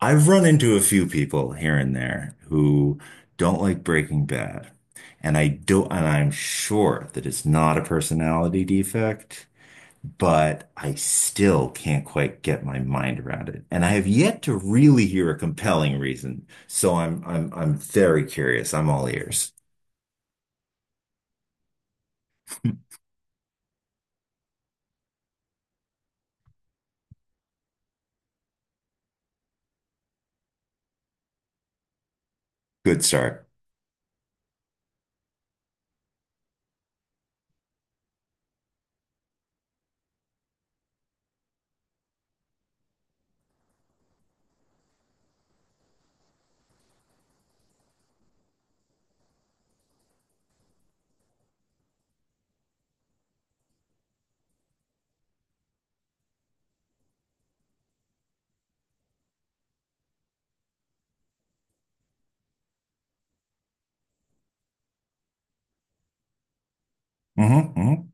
I've run into a few people here and there who don't like Breaking Bad. And I'm sure that it's not a personality defect, but I still can't quite get my mind around it. And I have yet to really hear a compelling reason. So I'm very curious. I'm all ears. Good start. hmm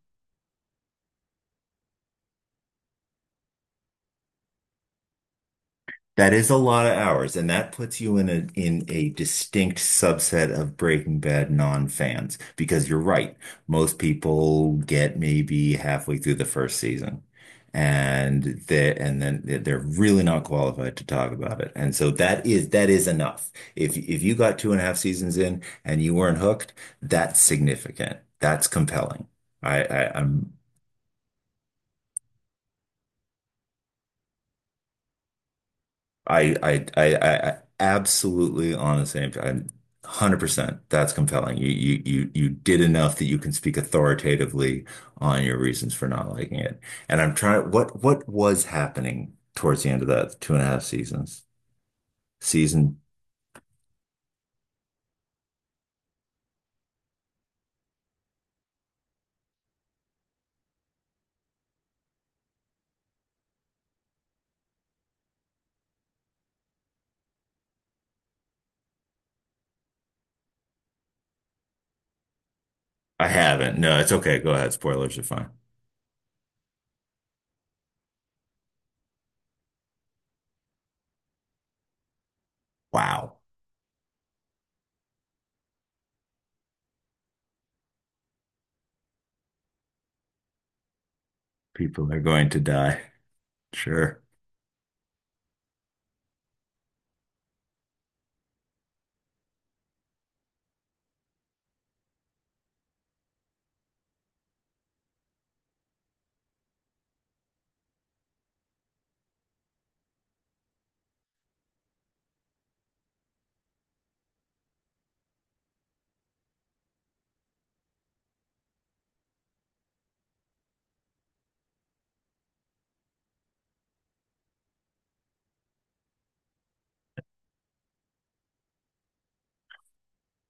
That is a lot of hours, and that puts you in a distinct subset of Breaking Bad non-fans because you're right. Most people get maybe halfway through the first season, and they're really not qualified to talk about it. And so that is enough. If you got two and a half seasons in and you weren't hooked, that's significant. That's compelling. I I'm I absolutely on the same. I'm 100%. That's compelling. You did enough that you can speak authoritatively on your reasons for not liking it. And I'm trying. What was happening towards the end of that two and a half seasons season? I haven't. No, it's okay. Go ahead. Spoilers are fine. Wow. People are going to die. Sure.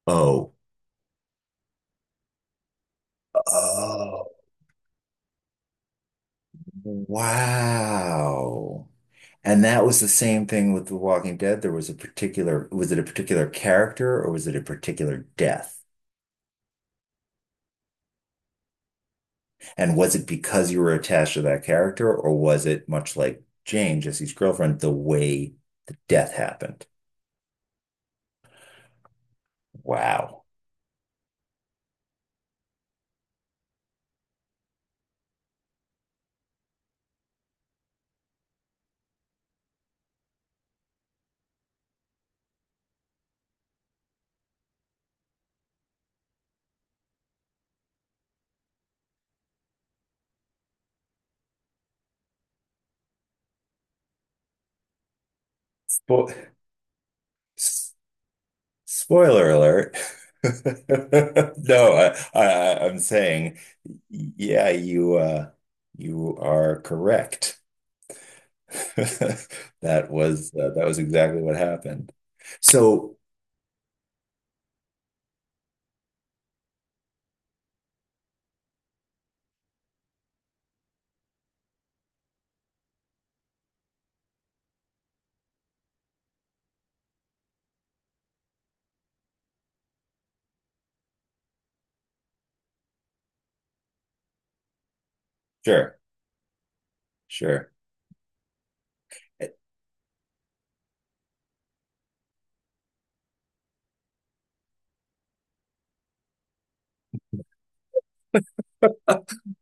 Oh. Oh. Wow. And that was the same thing with The Walking Dead. There was a particular, was it a particular character or was it a particular death? And was it because you were attached to that character or was it much like Jane, Jesse's girlfriend, the way the death happened? Wow. Spo- s- Spoiler alert. No, I'm saying, yeah, you, you are correct. That was exactly what happened. So, sure, sure. Eh,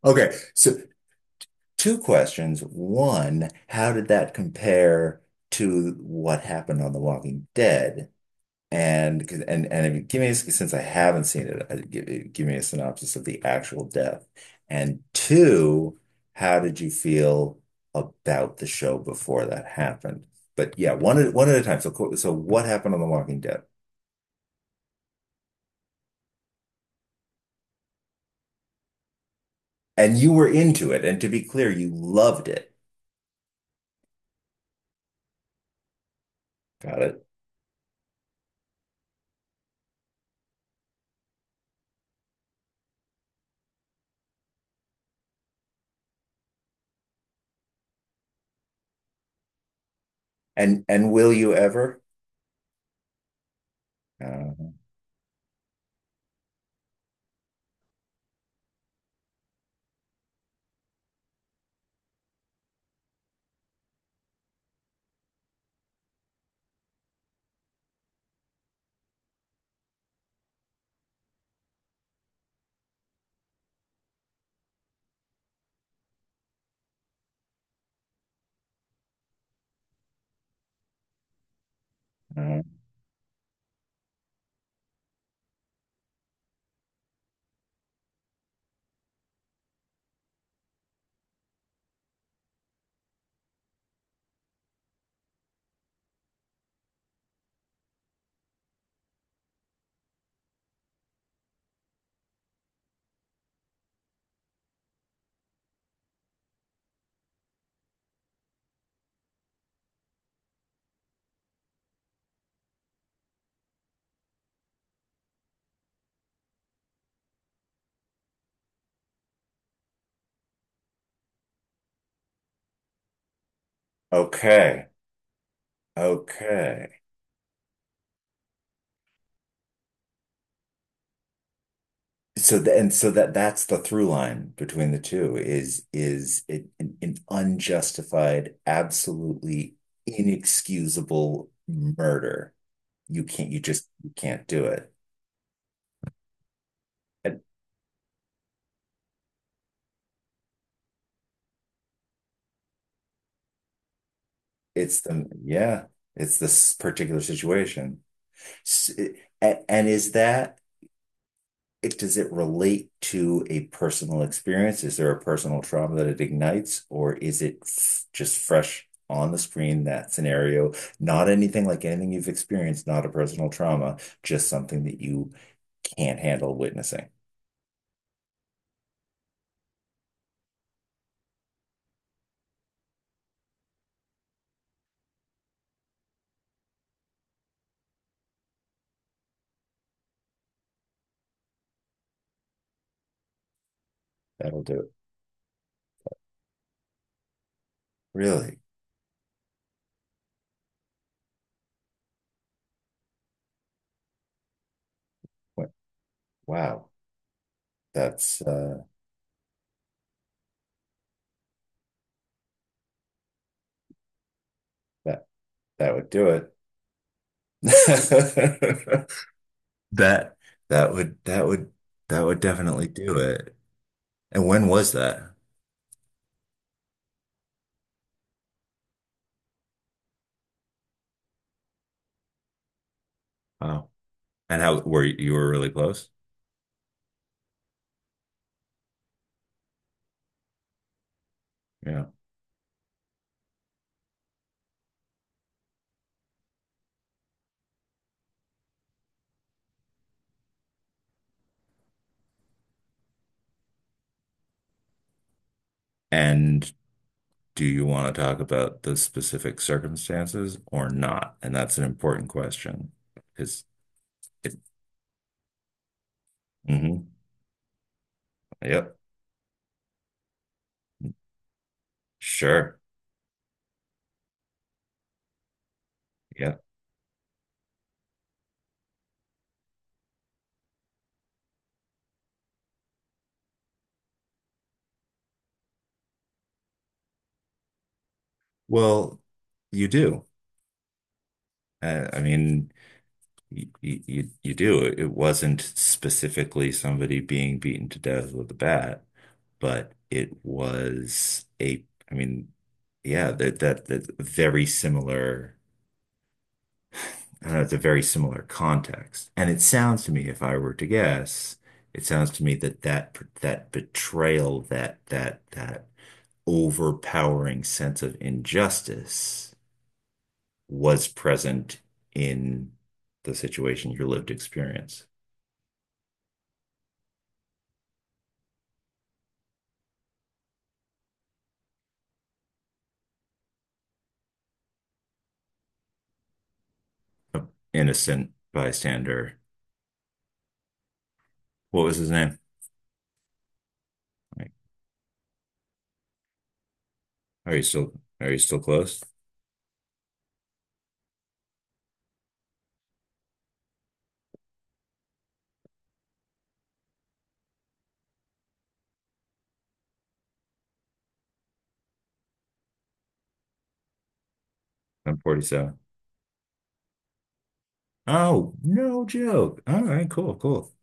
Okay, so two questions. One, how did that compare to what happened on The Walking Dead? And 'cause- and if give me a, since I haven't seen it, give me a synopsis of the actual death. And two, how did you feel about the show before that happened? But yeah, one at a time. So so what happened on The Walking Dead? And you were into it, and to be clear, you loved it. Got it. And will you ever? Uh, uh, okay. Okay. So the, and so that that's the through line between the two is an unjustified, absolutely inexcusable murder. You can't you can't do it. And it's the yeah, it's this particular situation. S- and is that it, does it relate to a personal experience? Is there a personal trauma that it ignites, or is it just fresh on the screen, that scenario? Not anything like anything you've experienced, not a personal trauma, just something that you can't handle witnessing. That'll do it. Really? Wa- Wow. That's that that would do it. That that would that would that would definitely do it. And when was that? Wow. And how were you, you were really close? Yeah. And do you want to talk about the specific circumstances or not? And that's an important question because it, hmm yep, sure. Yeah. Well, you do. I mean, you do. It wasn't specifically somebody being beaten to death with a bat, but it was a, I mean, yeah, that very similar it's a very similar context. And it sounds to me, if I were to guess, it sounds to me that betrayal, that overpowering sense of injustice was present in the situation, your lived experience. An innocent bystander. What was his name? Like, are you still close? I'm 47. Oh, no joke. All right, cool, cool.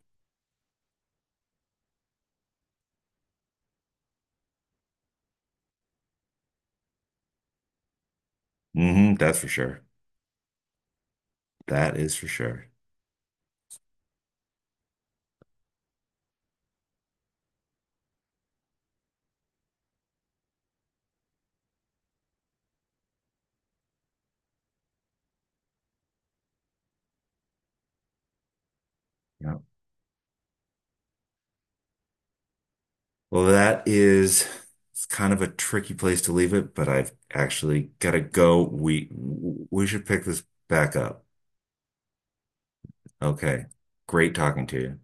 That's for sure. That is for sure. Yeah. Well, that is it's kind of a tricky place to leave it, but I've actually got to go. We should pick this back up. Okay. Great talking to you.